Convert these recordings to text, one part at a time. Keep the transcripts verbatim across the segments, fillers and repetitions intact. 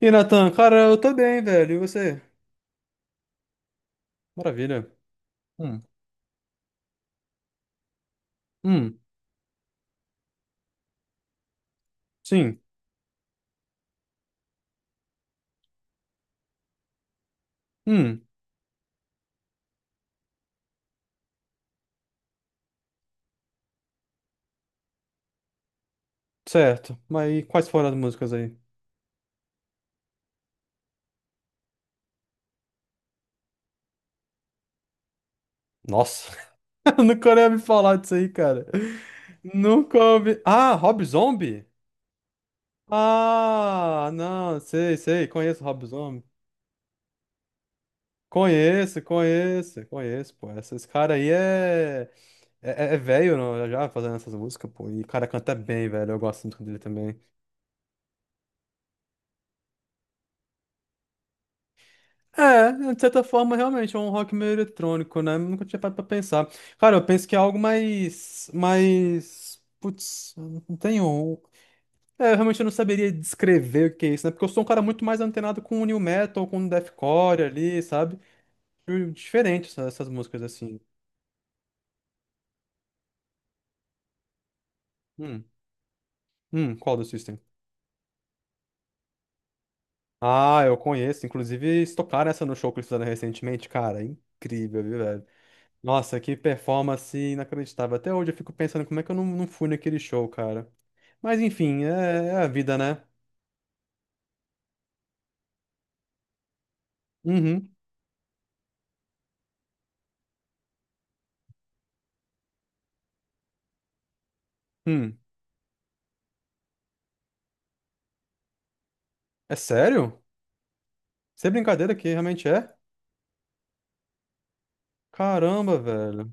E Natan, cara, eu tô bem, velho. E você? Maravilha. Hum, hum, sim, hum, certo. Mas e quais foram as músicas aí? Nossa, eu nunca ia me falar disso aí, cara. Nunca ouvi. Ah, Rob Zombie? Ah, não, sei, sei. Conheço o Rob Zombie. Conheço, conheço, conheço, pô. Essa- Esse cara aí é. É, é é velho, não? Já já fazendo essas músicas, pô. E o cara canta bem, velho. Eu gosto muito dele também. É, de certa forma, realmente, é um rock meio eletrônico, né? Nunca tinha parado pra pensar. Cara, eu penso que é algo mais, mais, putz, eu não tenho... É, eu realmente não saberia descrever o que é isso, né? Porque eu sou um cara muito mais antenado com o new metal, com o deathcore ali, sabe? E diferente essa- essas músicas, assim. Hum, hum, qual do System? Ah, eu conheço. Inclusive, eles tocaram essa no show que eles fizeram recentemente. Cara, incrível, viu, velho? Nossa, que performance inacreditável. Até hoje eu fico pensando como é que eu não, não fui naquele show, cara. Mas enfim, é, é a vida, né? Uhum. Hum. É sério? Sem brincadeira que realmente é? Caramba, velho.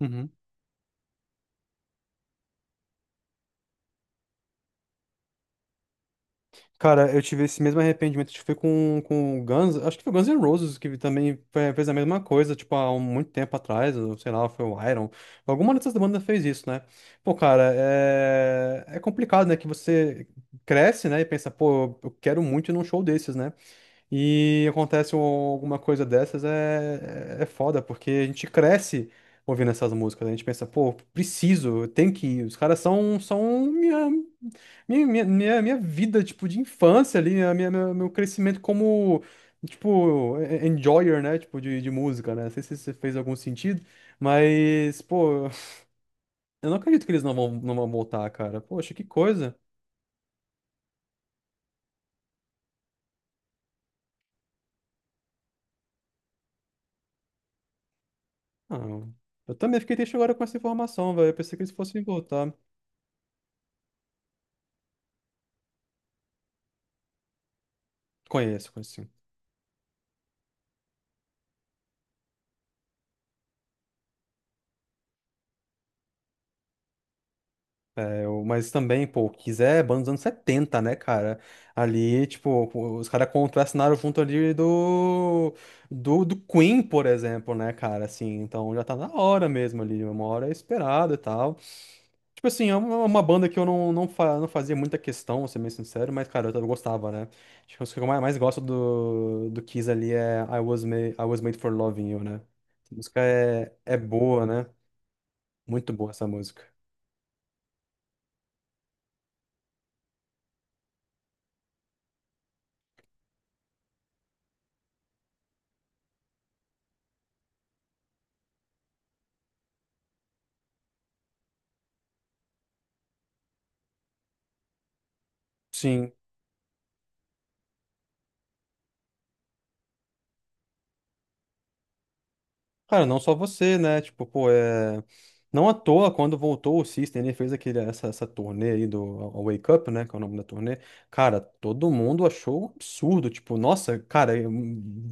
Uhum. Cara, eu tive esse mesmo arrependimento. Acho que foi com, com, o Guns. Acho que foi o Guns N' Roses que também fe- fez a mesma coisa, tipo, há um- muito tempo atrás. Ou, sei lá, foi o Iron. Alguma dessas bandas fez isso, né? Pô, cara, é, é complicado, né? Que você cresce, né? E pensa, pô, eu eu quero muito ir num show desses, né? E acontece um- alguma coisa dessas é, é é foda, porque a gente cresce ouvindo essas músicas. A gente pensa, pô, preciso, eu tenho que ir. Os caras são, são minha, minha, minha, minha minha vida, tipo, de infância ali, minha, minha- meu meu crescimento como, tipo, e- enjoyer, né? Tipo, de, de música, né? Não sei se isso fez algum sentido, mas, pô, eu não acredito que eles não vão, não vão voltar, cara. Poxa, que coisa. Ah, eu também fiquei triste agora com essa informação, velho. Eu pensei que eles fossem voltar. Conheço, conheço. Eu- Mas também, pô, quiser, banda dos anos setenta, né, cara? Ali, tipo, os caras contracenaram junto ali do, do, do Queen, por exemplo, né, cara? Assim, então já tá na hora mesmo ali, uma hora é esperada e tal. Tipo assim, é uma, é uma, banda que eu não, não, fa- não fazia muita questão, vou ser bem sincero, mas, cara, eu, eu gostava, né? Acho que os que eu mais, mais gosto do, do Kiss ali é I Was Made, I Was Made for Loving You, né? Essa música é, é boa, né? Muito boa essa música. Sim. Cara, não só você, né? Tipo, pô, é. Não à toa, quando voltou o System, ele fez aquele, essa, essa turnê aí do a- a Wake Up, né? Que é o nome da turnê. Cara, todo mundo achou um absurdo. Tipo, nossa, cara, eu-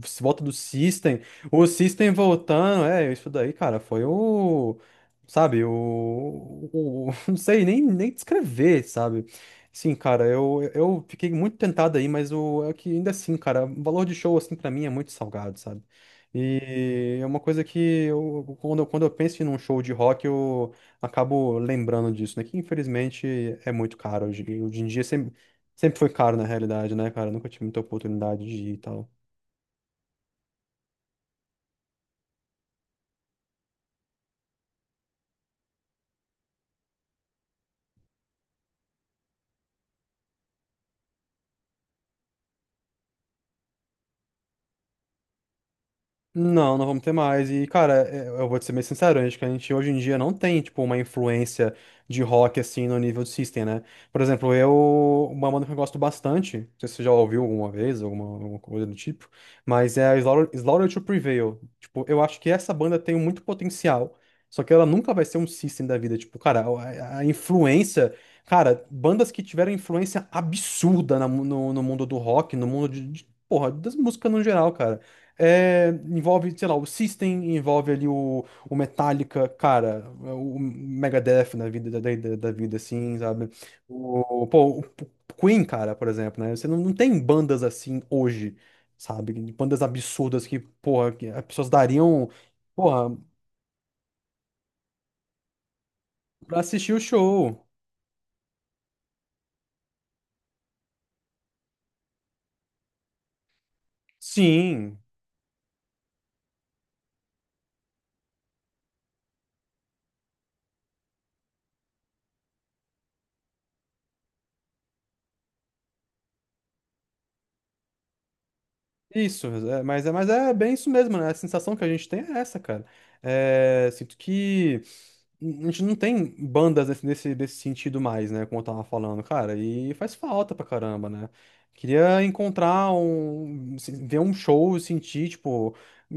se volta do System, o System voltando, é, isso daí, cara, foi o. Sabe, o. o- o- não sei nem, nem descrever, sabe? Sim, cara, eu, eu fiquei muito tentado aí, mas o, é que ainda assim, cara, o valor de show, assim, pra mim é muito salgado, sabe? E é uma coisa que eu, quando, eu- quando eu penso em um show de rock, eu acabo lembrando disso, né? Que infelizmente é muito caro. Hoje, hoje em dia sempre, sempre foi caro, na realidade, né, cara? Eu nunca tive muita oportunidade de ir e tal. Não, não vamos ter mais. E, cara, é- eu vou te ser bem sincero, acho que a gente hoje em dia não tem, tipo, uma influência de rock, assim, no nível de System, né? Por exemplo, eu... Uma banda que eu gosto bastante, não sei se você já ouviu alguma vez, alguma, alguma coisa do tipo, mas é a Slaughter, Slaughter to Prevail. Tipo, eu acho que essa banda tem muito potencial, só que ela nunca vai ser um System da vida. Tipo, cara, a, a influência... Cara, bandas que tiveram influência absurda na mu- no, no mundo do rock, no mundo de... de porra, das músicas no geral, cara. É, envolve, sei lá, o System, envolve ali o, o Metallica, cara, o Megadeth na vida da, da, da vida, assim, sabe? O, pô, o Queen, cara, por exemplo, né? Você não, não tem bandas assim hoje, sabe? Bandas absurdas que, porra, que as pessoas dariam, porra, pra assistir o show. Sim, isso, é, mas, é, mas é bem isso mesmo, né? A sensação que a gente tem é essa, cara. É, sinto que. a gente não tem bandas nesse, nesse, nesse sentido mais, né? Como eu tava falando, cara, e faz falta pra caramba, né? Queria encontrar um, se- ver um show, sentir, tipo,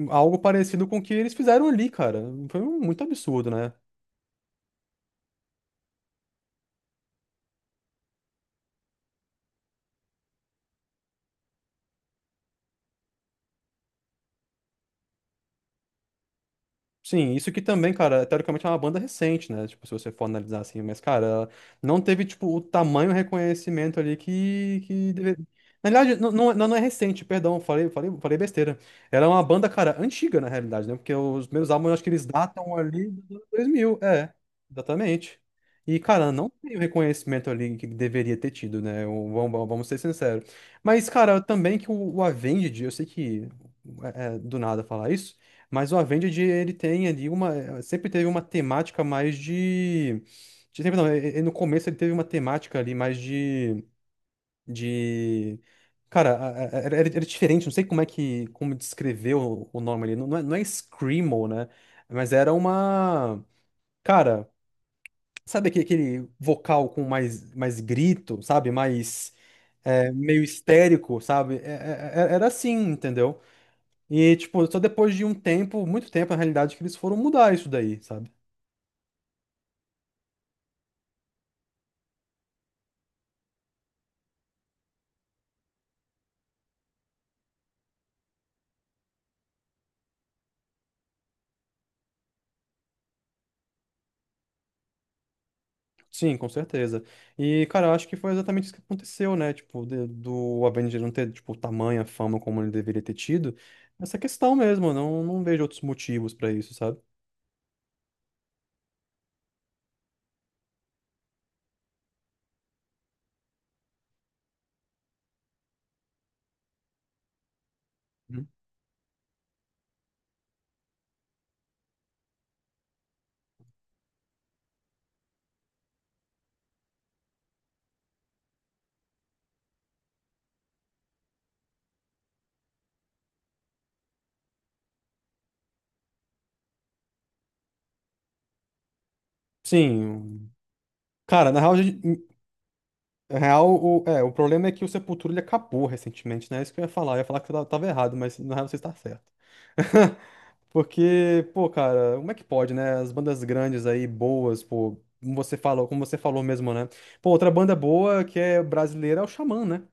algo parecido com o que eles fizeram ali, cara. Foi um, muito absurdo, né? Sim, isso que também, cara, teoricamente é uma banda recente, né? Tipo, se você for analisar assim, mas, cara, ela não teve, tipo, o tamanho reconhecimento ali que, que deveria. Na verdade, não, não, é, não é recente, perdão, falei, falei, falei besteira. Ela é uma banda, cara, antiga, na realidade, né? Porque os meus álbuns, eu acho que eles datam ali dos anos dois mil, é, exatamente. E, cara, não tem o reconhecimento ali que deveria ter tido, né? O- Vamos, vamos ser sinceros. Mas, cara, também que o, o Avenged, eu sei que é é do nada falar isso, mas o Avenged, ele tem ali uma. Sempre teve uma temática mais de. de- Sempre não, e- e no começo ele teve uma temática ali mais de. De. Cara, a- a- era, era- era diferente, não sei como é que. como descrever o, o, nome ali. Não, não é, não é Screamo, né? Mas era uma. Cara, sabe aque- aquele vocal com mais, mais grito, sabe? Mais. É, meio histérico, sabe? É- é- é- Era assim, entendeu? E, tipo, só depois de um tempo, muito tempo, na realidade, que eles foram mudar isso daí, sabe? Sim, com certeza. E, cara, eu acho que foi exatamente isso que aconteceu, né? Tipo, de- do Avenger não ter, tipo, tamanha fama como ele deveria ter tido. Essa questão mesmo, eu não, não vejo outros motivos pra isso, sabe? Uhum. Sim. Cara, na real, a gente- na real o, é, o problema é que o Sepultura ele acabou recentemente, né? É isso que eu ia falar. Eu ia falar que eu tava errado, mas na real você está certo. Porque, pô, cara, como é que pode, né? As bandas grandes aí, boas, pô, como você falou, como você falou mesmo, né? Pô, outra banda boa que é brasileira é o Xamã, né?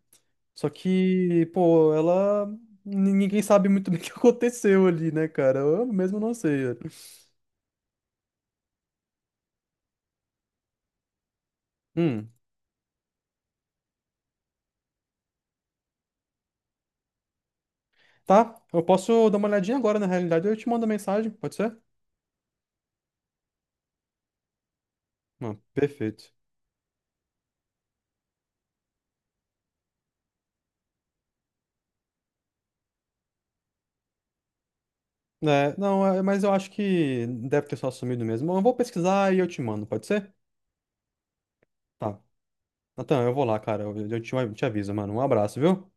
Só que, pô, ela. Ninguém sabe muito bem o que aconteceu ali, né, cara? Eu mesmo não sei. Hum, tá. Eu posso dar uma olhadinha agora, na realidade, eu te mando mensagem, pode ser? Ah, perfeito. É, não, é, mas eu acho que deve ter só sumido mesmo. Eu vou pesquisar e eu te mando, pode ser? Tá. Natan, eu vou lá, cara. Eu, eu te, eu te aviso, mano. Um abraço, viu?